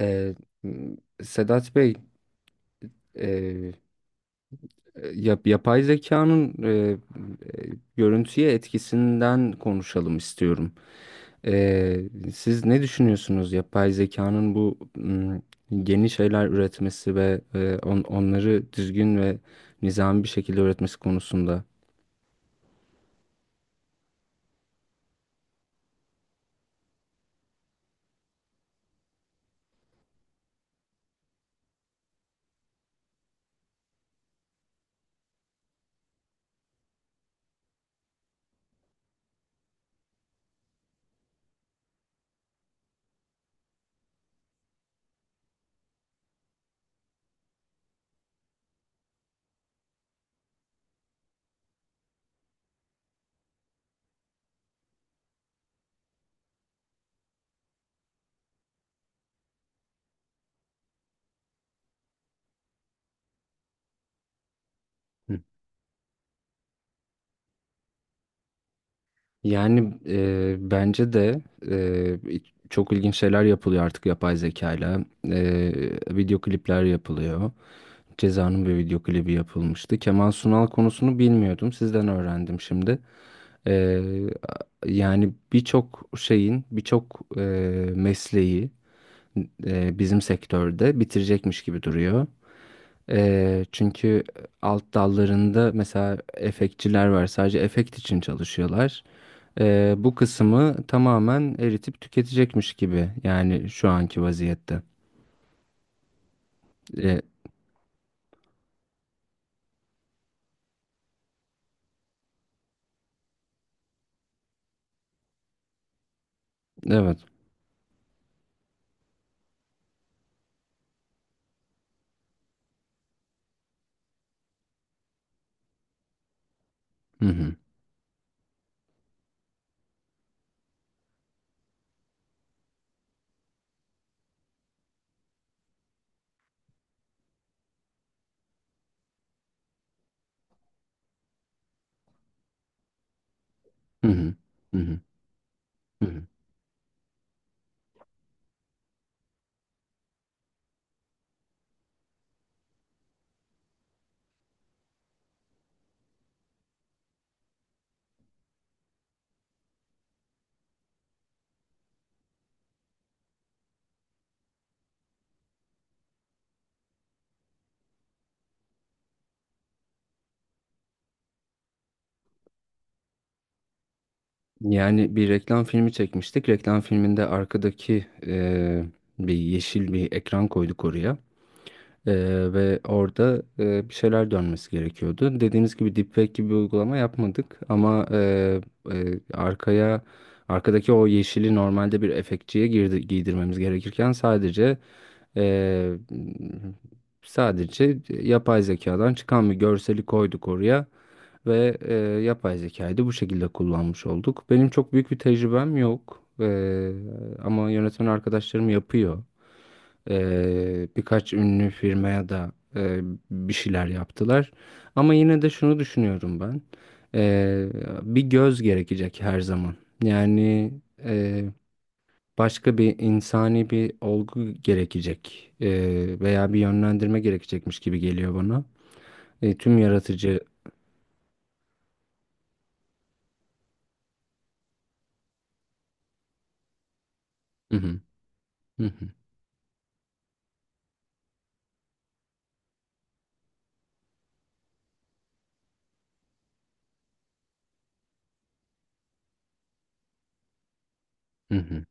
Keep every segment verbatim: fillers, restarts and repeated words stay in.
Ee, m- Sedat Bey, e, yap, yapay zekanın e, e, görüntüye etkisinden konuşalım istiyorum. Ee, Siz ne düşünüyorsunuz yapay zekanın bu m, yeni şeyler üretmesi ve e, on- onları düzgün ve nizami bir şekilde üretmesi konusunda? Hı. Yani, e, bence de e, çok ilginç şeyler yapılıyor artık yapay zekayla. E, video klipler yapılıyor. Ceza'nın bir video klibi yapılmıştı. Kemal Sunal konusunu bilmiyordum. Sizden öğrendim şimdi. Ee, Yani birçok şeyin, birçok e, mesleği e, bizim sektörde bitirecekmiş gibi duruyor. Ee, çünkü alt dallarında mesela efektçiler var. Sadece efekt için çalışıyorlar. Ee, bu kısmı tamamen eritip tüketecekmiş gibi. Yani şu anki vaziyette. Ee, evet. Hı hı. Hı hı. Hı hı. Hı hı. Yani bir reklam filmi çekmiştik. Reklam filminde arkadaki e, bir yeşil bir ekran koyduk oraya. Ee, Ve orada e, bir şeyler dönmesi gerekiyordu. Dediğiniz gibi deepfake gibi bir uygulama yapmadık ama, e, e, arkaya arkadaki o yeşili normalde bir efektçiye girdi, giydirmemiz gerekirken sadece e, sadece yapay zekadan çıkan bir görseli koyduk oraya ve, e, yapay zekayı da bu şekilde kullanmış olduk. Benim çok büyük bir tecrübem yok. E, ama yönetmen arkadaşlarım yapıyor. Eee, birkaç ünlü firmaya da eee, bir şeyler yaptılar. Ama yine de şunu düşünüyorum ben. Eee, Bir göz gerekecek her zaman. Yani eee, başka bir insani bir olgu gerekecek, Eee, veya bir yönlendirme gerekecekmiş gibi geliyor bana. E, tüm yaratıcı. Hı hı, hı hı, hı hı,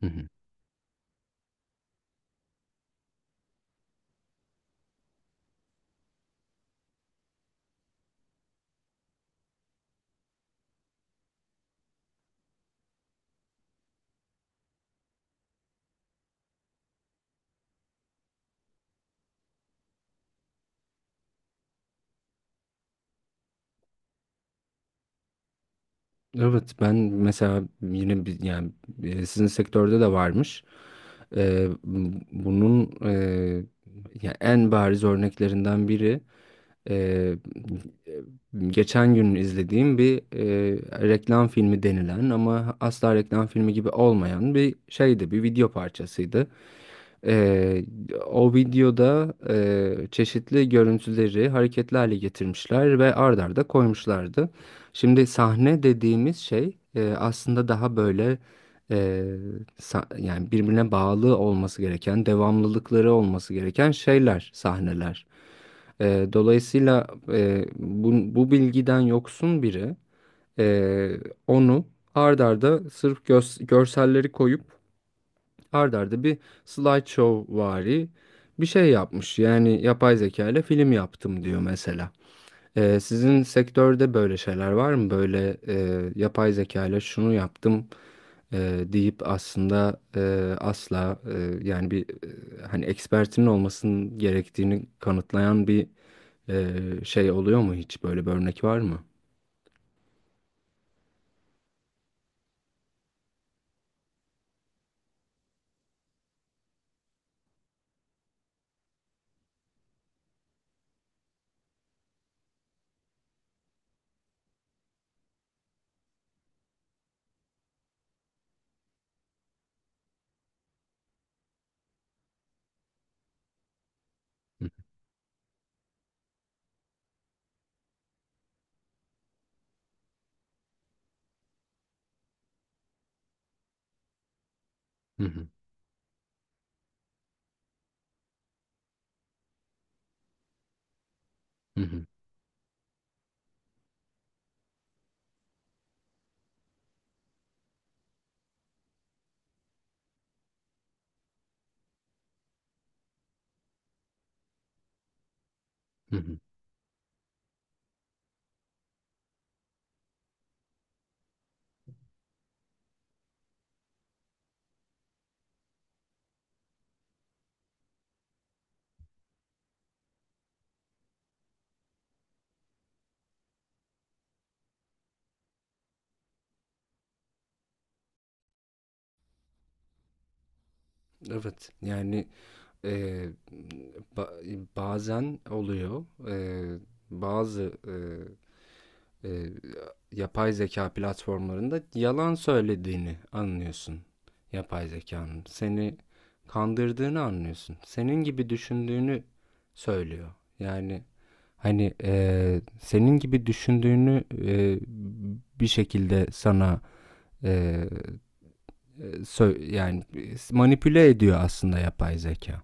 hı hı. Evet, ben mesela yine bir- yani, e, sizin sektörde de varmış. Eee, Bunun eee, ya en bariz örneklerinden biri, eee, geçen gün izlediğim bir eee, reklam filmi denilen ama asla reklam filmi gibi olmayan bir şeydi, bir video parçasıydı. Ee, O videoda e, çeşitli görüntüleri hareketli hale getirmişler ve ard arda koymuşlardı. Şimdi sahne dediğimiz şey e, aslında daha böyle, e, sa- yani birbirine bağlı olması gereken, devamlılıkları olması gereken şeyler, sahneler. Ee, dolayısıyla e, bu, bu bilgiden yoksun biri e, onu ard arda sırf gös- görselleri koyup ard arda bir slideshow vari bir şey yapmış. Yani yapay zeka ile film yaptım diyor mesela. Ee, sizin sektörde böyle şeyler var mı? Böyle, e, yapay zeka ile şunu yaptım e, deyip aslında e, asla, e, yani bir, e, hani ekspertinin olmasının gerektiğini kanıtlayan bir, e, şey oluyor mu hiç? Böyle bir örnek var mı? Hı hı, hı hı. Hı hı. Evet yani. Ee, ba- Bazen oluyor. Ee, bazı e, e, yapay zeka platformlarında yalan söylediğini anlıyorsun. Yapay zekanın seni kandırdığını anlıyorsun. Senin gibi düşündüğünü söylüyor. Yani hani, e, senin gibi düşündüğünü, e, bir şekilde sana, e, e, sö- yani manipüle ediyor aslında yapay zeka.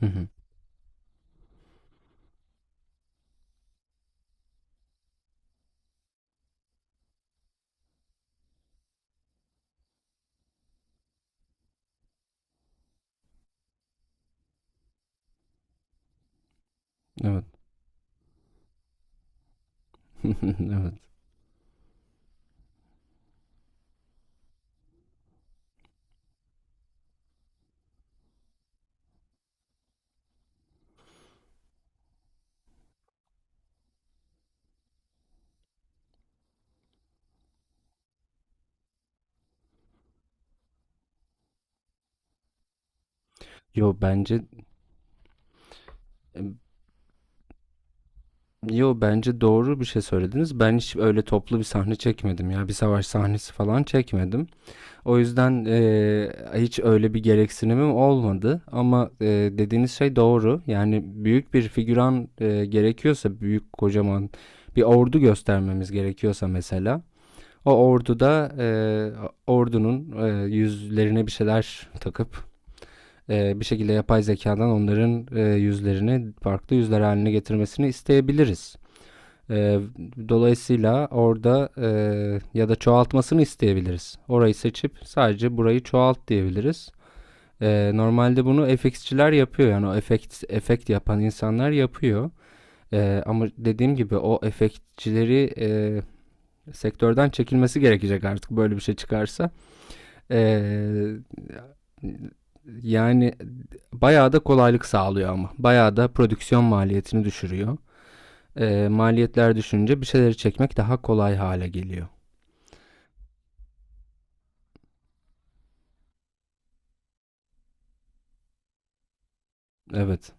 Hı hı. Evet. Evet. Yo bence yo bence doğru bir şey söylediniz. Ben hiç öyle toplu bir sahne çekmedim ya. Bir savaş sahnesi falan çekmedim. O yüzden eee, hiç öyle bir gereksinimim olmadı. Ama eee, dediğiniz şey doğru. Yani büyük bir figüran, eee, gerekiyorsa büyük kocaman bir ordu göstermemiz gerekiyorsa mesela o orduda, eee ordunun eee, yüzlerine bir şeyler takıp, e, bir şekilde yapay zekadan onların e, yüzlerini farklı yüzler haline getirmesini isteyebiliriz. E, Dolayısıyla orada, e, ya da çoğaltmasını isteyebiliriz. Orayı seçip sadece burayı çoğalt diyebiliriz. E, normalde bunu F X'çiler yapıyor, yani o efekt efekt yapan insanlar yapıyor. E, ama dediğim gibi o efektçileri, e, sektörden çekilmesi gerekecek artık böyle bir şey çıkarsa. E, Yani bayağı da kolaylık sağlıyor ama. Bayağı da prodüksiyon maliyetini düşürüyor. Ee, maliyetler düşünce bir şeyleri çekmek daha kolay hale geliyor. Evet.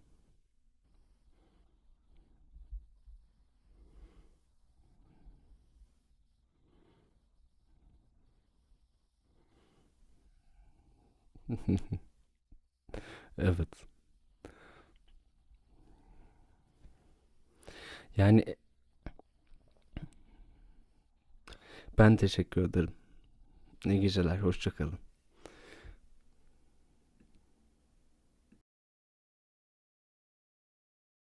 Evet. Yani ben teşekkür ederim. İyi geceler. Hoşçakalın.